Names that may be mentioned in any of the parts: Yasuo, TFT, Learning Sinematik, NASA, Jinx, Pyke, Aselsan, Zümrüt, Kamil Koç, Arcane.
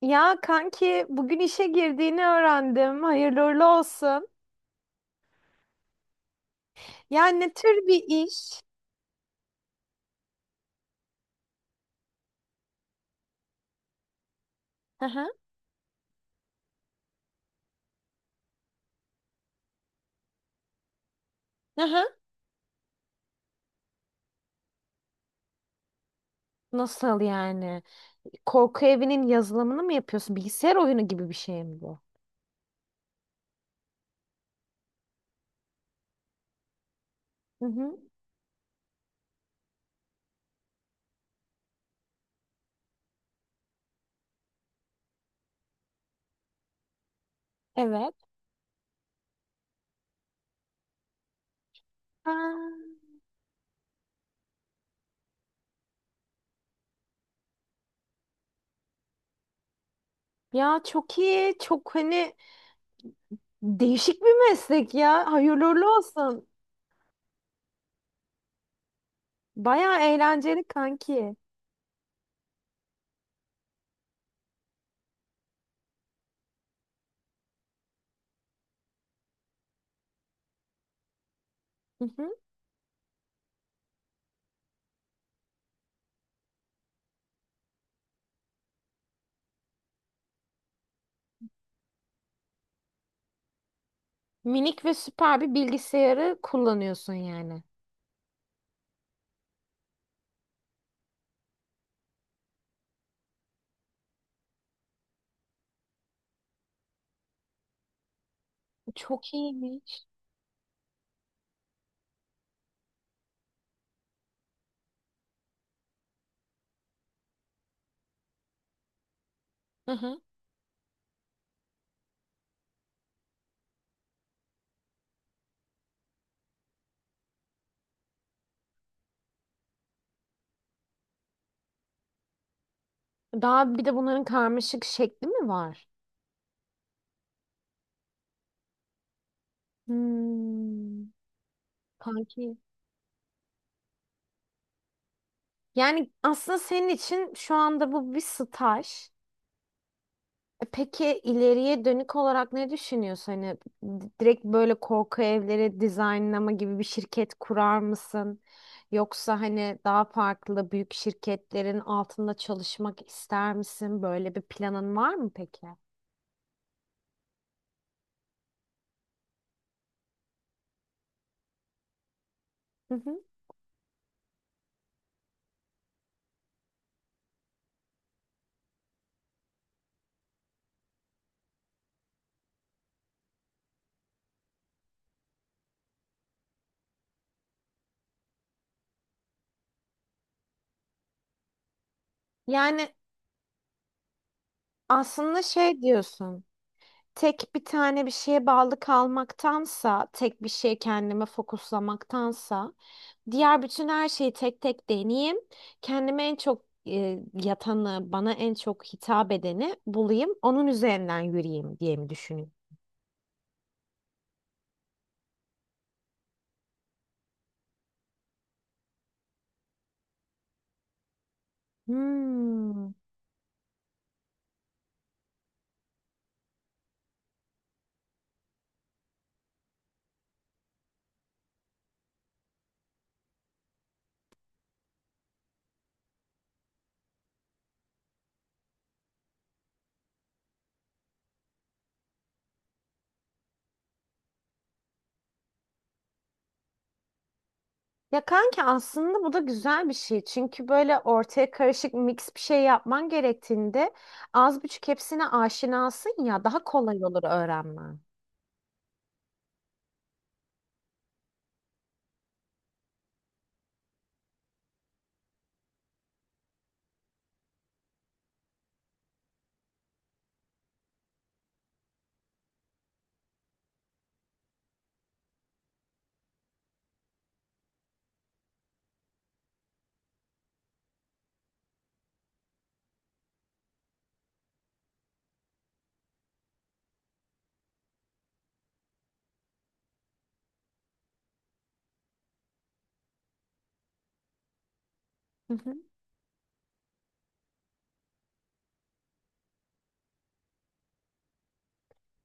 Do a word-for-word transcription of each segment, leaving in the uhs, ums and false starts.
Ya kanki bugün işe girdiğini öğrendim. Hayırlı uğurlu olsun. Yani ne tür bir iş? Hı hı. Hı hı. Nasıl yani? Korku evinin yazılımını mı yapıyorsun? Bilgisayar oyunu gibi bir şey mi bu? Hı hı. Evet. Ha. Ya çok iyi. Çok hani değişik bir meslek ya. Hayırlı uğurlu olsun. Baya eğlenceli kanki. Hı hı. Minik ve süper bir bilgisayarı kullanıyorsun yani. Çok iyiymiş. Daha bir de bunların karmaşık şekli mi var? Hmm, kanki. Yani aslında senin için şu anda bu bir staj. E peki ileriye dönük olarak ne düşünüyorsun? Hani di- direkt böyle korku evleri dizaynlama gibi bir şirket kurar mısın? Yoksa hani daha farklı büyük şirketlerin altında çalışmak ister misin? Böyle bir planın var mı peki? Hı hı. Yani aslında şey diyorsun. Tek bir tane bir şeye bağlı kalmaktansa, tek bir şeye kendime fokuslamaktansa, diğer bütün her şeyi tek tek deneyeyim. Kendime en çok e, yatanı, bana en çok hitap edeni bulayım. Onun üzerinden yürüyeyim diye mi düşünüyorum? Hmm. Ya kanki aslında bu da güzel bir şey. Çünkü böyle ortaya karışık mix bir şey yapman gerektiğinde az buçuk hepsine aşinasın ya daha kolay olur öğrenmen.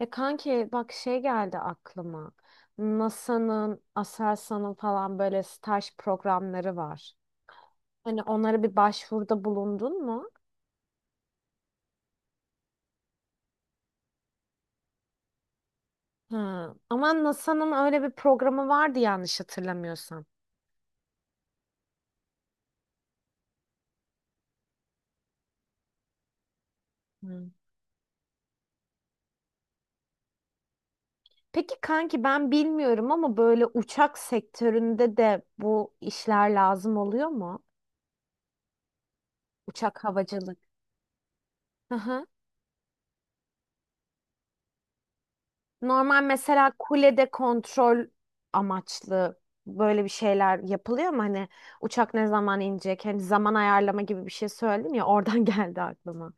E kanki bak şey geldi aklıma. NASA'nın, Aselsan'ın falan böyle staj programları var. Hani onlara bir başvuruda bulundun mu? Ha. Ama NASA'nın öyle bir programı vardı yanlış hatırlamıyorsam. Hı. Peki kanki ben bilmiyorum ama böyle uçak sektöründe de bu işler lazım oluyor mu? Uçak havacılık. Normal mesela kulede kontrol amaçlı böyle bir şeyler yapılıyor mu? Hani uçak ne zaman inecek? Hani zaman ayarlama gibi bir şey söyledim ya oradan geldi aklıma.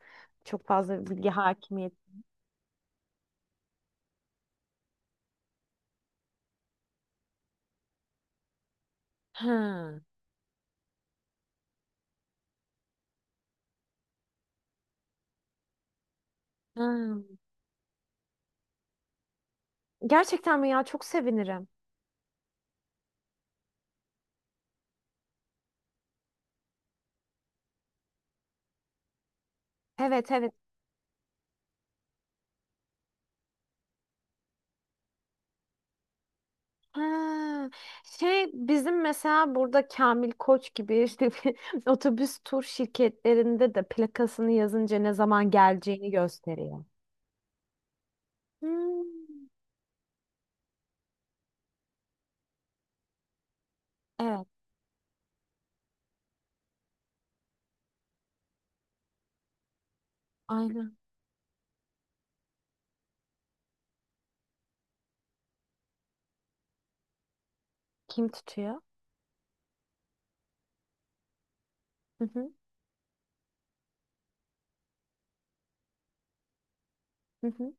Çok fazla bilgi hakimiyet. Ha, ha. Gerçekten mi ya? Çok sevinirim. Evet evet. Ha. Şey bizim mesela burada Kamil Koç gibi işte bir otobüs tur şirketlerinde de plakasını yazınca ne zaman geleceğini gösteriyor. Hmm. Evet, aynen. Kim tutuyor? Hı hı, hı hı.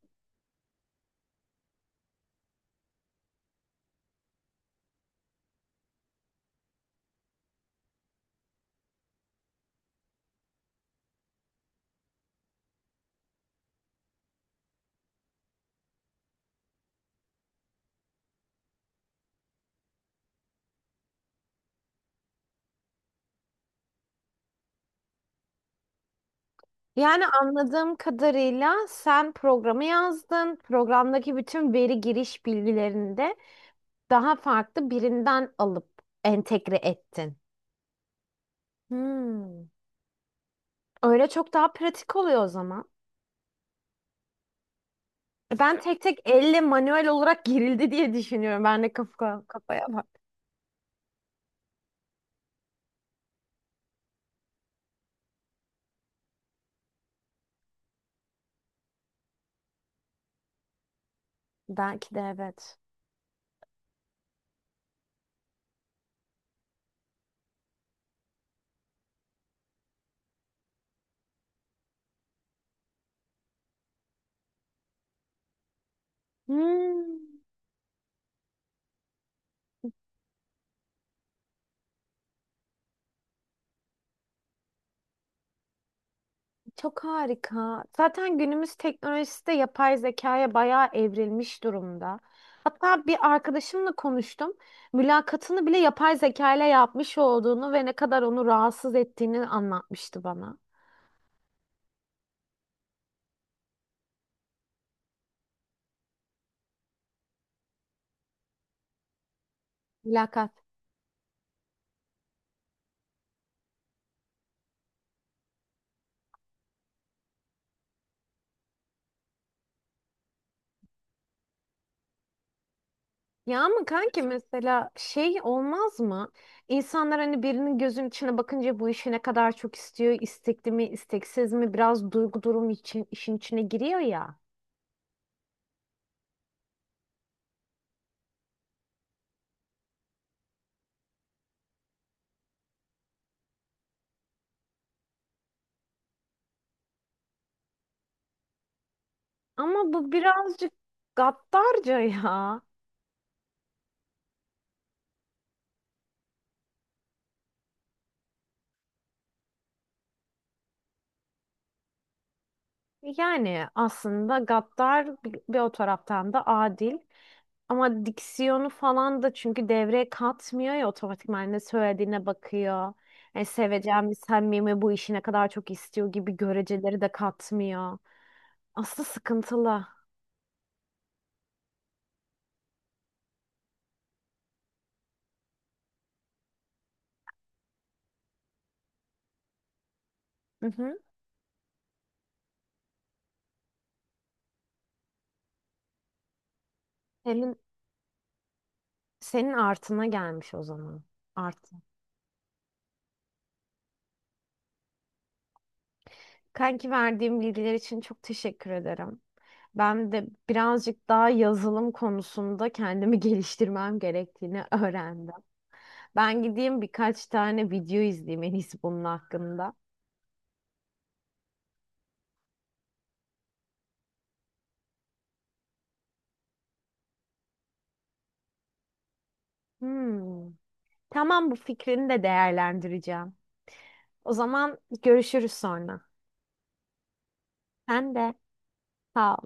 Yani anladığım kadarıyla sen programı yazdın. Programdaki bütün veri giriş bilgilerini de daha farklı birinden alıp entegre ettin. Hmm. Öyle çok daha pratik oluyor o zaman. E, Ben tek tek elle manuel olarak girildi diye düşünüyorum. Ben de kafa, kafaya bak. Belki de evet. Hmm. Çok harika. Zaten günümüz teknolojisi de yapay zekaya bayağı evrilmiş durumda. Hatta bir arkadaşımla konuştum. Mülakatını bile yapay zeka ile yapmış olduğunu ve ne kadar onu rahatsız ettiğini anlatmıştı bana. Mülakat. Ya ama kanki mesela şey olmaz mı? İnsanlar hani birinin gözünün içine bakınca bu işi ne kadar çok istiyor, istekli mi, isteksiz mi biraz duygu durum için işin içine giriyor ya. Ama bu birazcık gaddarca ya. Yani aslında gaddar bir, bir o taraftan da adil ama diksiyonu falan da çünkü devreye katmıyor ya otomatikman ne söylediğine bakıyor. Yani seveceğim mi samimi bu işi ne kadar çok istiyor gibi göreceleri de katmıyor. Aslında sıkıntılı. Hı hı. Senin, senin artına gelmiş o zaman. Artı. Kanki verdiğim bilgiler için çok teşekkür ederim. Ben de birazcık daha yazılım konusunda kendimi geliştirmem gerektiğini öğrendim. Ben gideyim birkaç tane video izleyeyim en iyisi bunun hakkında. Hmm. Tamam bu fikrini de değerlendireceğim. O zaman görüşürüz sonra. Sen de sağ ol.